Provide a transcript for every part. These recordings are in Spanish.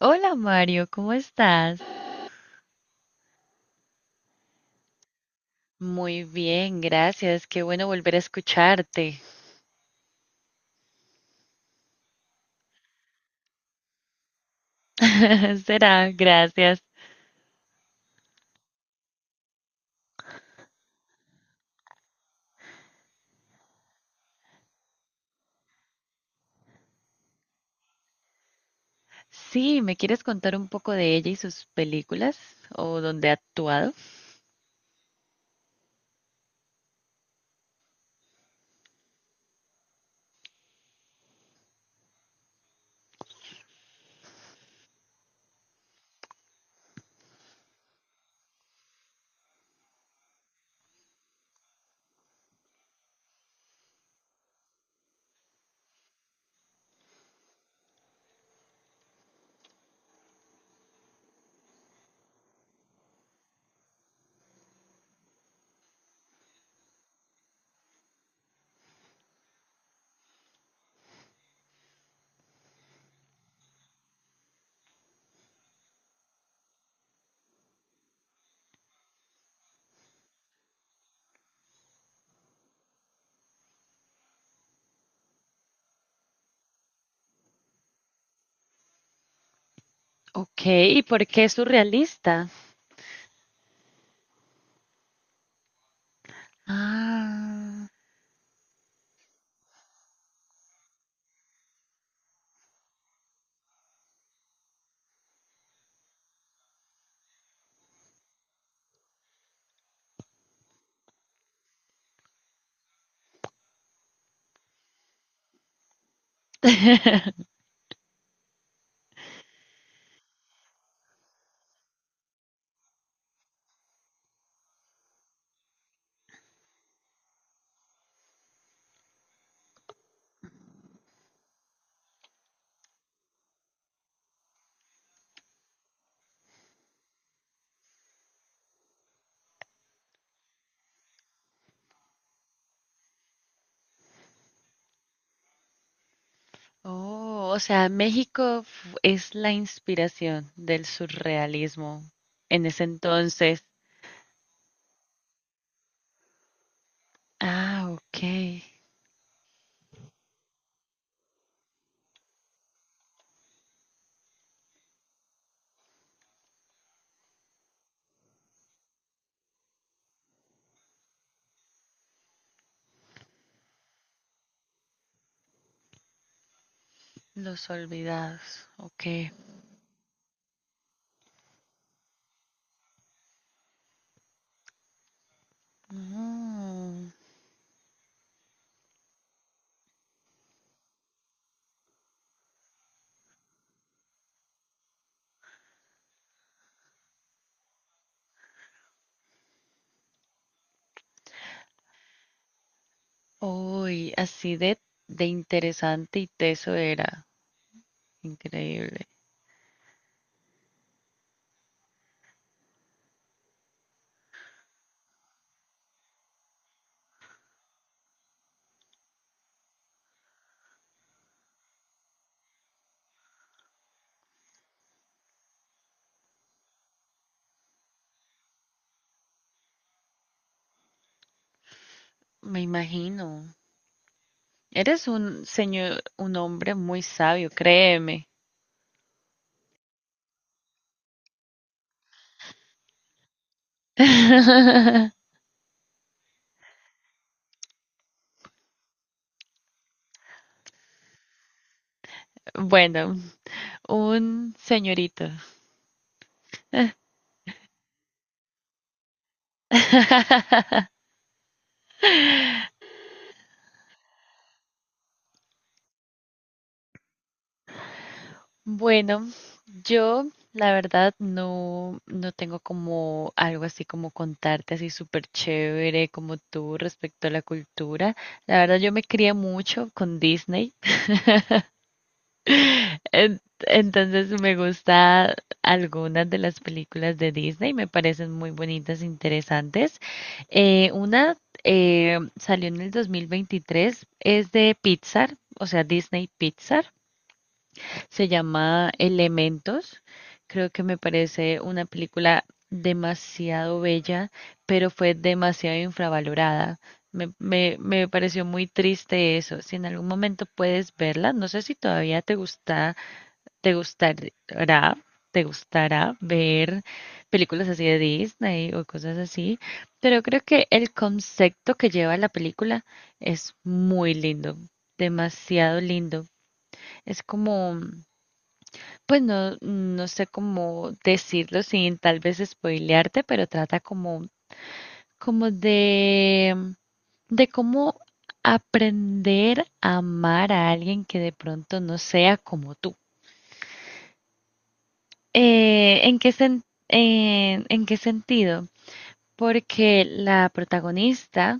Hola Mario, ¿cómo estás? Muy bien, gracias. Qué bueno volver a escucharte. Será, gracias. Sí, ¿me quieres contar un poco de ella y sus películas o dónde ha actuado? Ok, ¿y por qué es surrealista? Ah. Oh, o sea, es la inspiración del surrealismo en ese entonces. Ah, ok. Los olvidados, ok. Mm. Uy, de interesante y teso era. Increíble. Me imagino. Eres un señor, un hombre muy sabio, créeme. Bueno, un señorito. Bueno, yo la verdad no tengo como algo así como contarte así súper chévere como tú respecto a la cultura. La verdad yo me crié mucho con Disney. En- Entonces me gusta algunas de las películas de Disney, me parecen muy bonitas, interesantes. Una salió en el 2023, es de Pixar, o sea, Disney Pixar, se llama Elementos. Creo que me parece una película demasiado bella, pero fue demasiado infravalorada. Me pareció muy triste eso. Si en algún momento puedes verla, no sé si todavía te gusta. ¿Te gustará, te gustará ver películas así de Disney o cosas así? Pero creo que el concepto que lleva la película es muy lindo, demasiado lindo. Es como, pues no sé cómo decirlo sin tal vez spoilearte, pero trata como, como de, de cómo aprender a amar a alguien que de pronto no sea como tú. ¿En qué en qué sentido? Porque la protagonista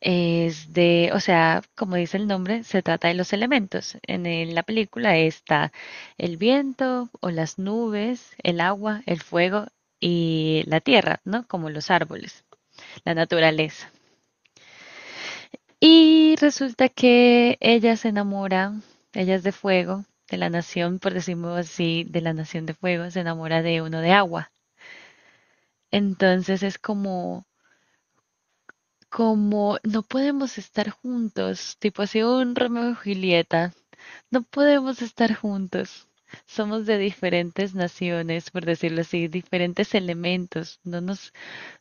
es de, o sea, como dice el nombre, se trata de los elementos. La película está el viento o las nubes, el agua, el fuego y la tierra, ¿no? Como los árboles, la naturaleza. Y resulta que ella se enamora, ella es de fuego, de la nación, por decirlo así, de la nación de fuego, se enamora de uno de agua. Entonces es como, como no podemos estar juntos, tipo así un Romeo y Julieta, no podemos estar juntos. Somos de diferentes naciones, por decirlo así, diferentes elementos.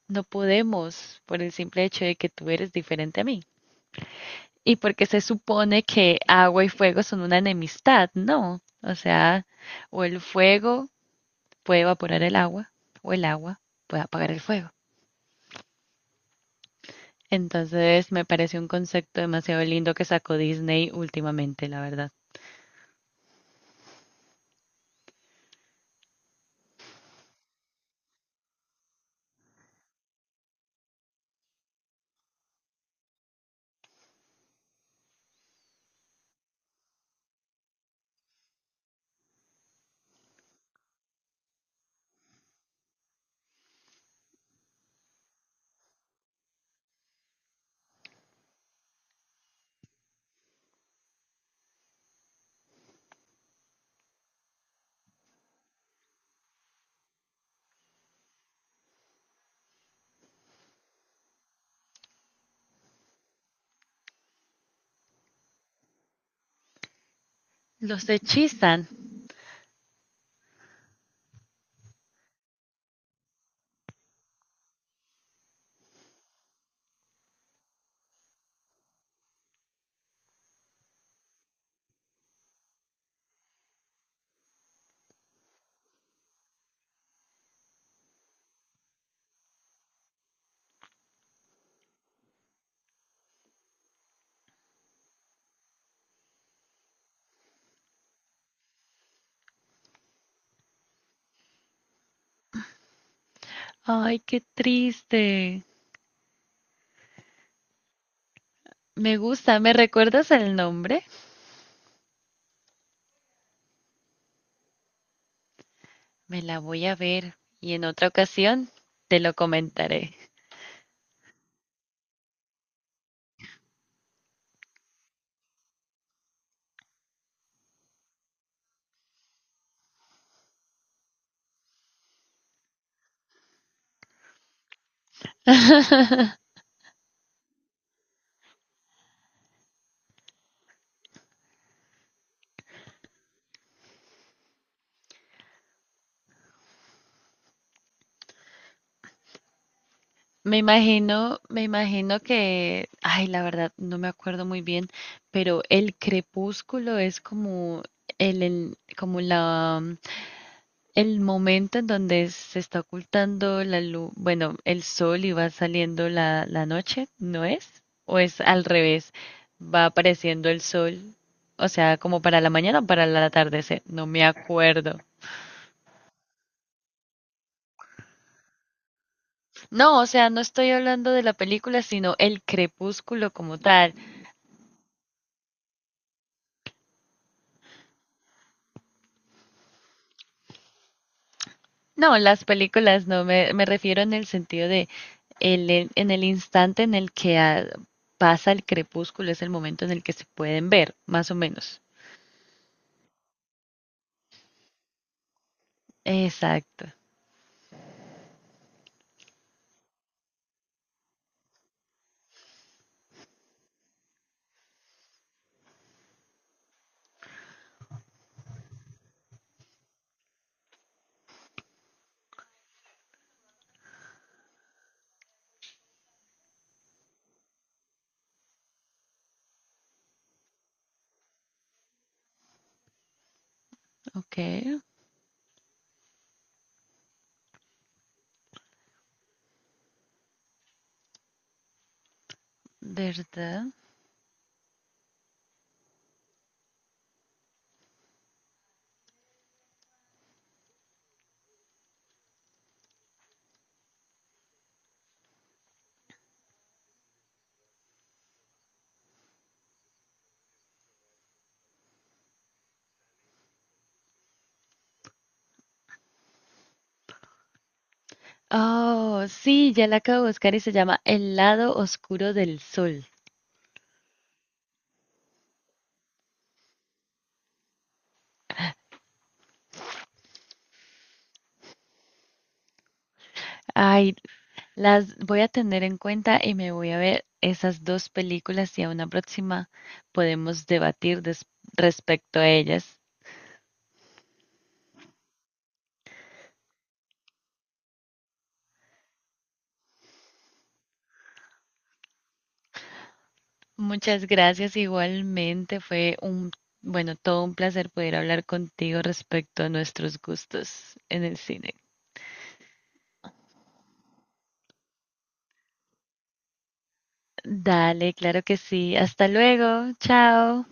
No podemos por el simple hecho de que tú eres diferente a mí. Y porque se supone que agua y fuego son una enemistad, no. O sea, o el fuego puede evaporar el agua, o el agua puede apagar el fuego. Entonces, me parece un concepto demasiado lindo que sacó Disney últimamente, la verdad. Los hechizan. Ay, qué triste. Me gusta, ¿me recuerdas el nombre? Me la voy a ver y en otra ocasión te lo comentaré. Me imagino que, ay, la verdad, no me acuerdo muy bien, pero el crepúsculo es como el, el- como la, el momento en donde se está ocultando la luz, bueno, el sol y va saliendo la noche, ¿no es? ¿O es al revés? Va apareciendo el sol, o sea, como para la mañana o para el atardecer, no me acuerdo. No, o sea, no estoy hablando de la película, sino el crepúsculo como tal. No, las películas no, me refiero en el sentido de en el instante en el que pasa el crepúsculo, es el momento en el que se pueden ver, más o menos. Exacto. Ok, ¿verdad? Oh, sí, ya la acabo de buscar y se llama El lado oscuro del sol. Ay, las voy a tener en cuenta y me voy a ver esas dos películas y a una próxima podemos respecto a ellas. Muchas gracias igualmente, fue un, bueno, todo un placer poder hablar contigo respecto a nuestros gustos en el cine. Dale, claro que sí. Hasta luego, chao.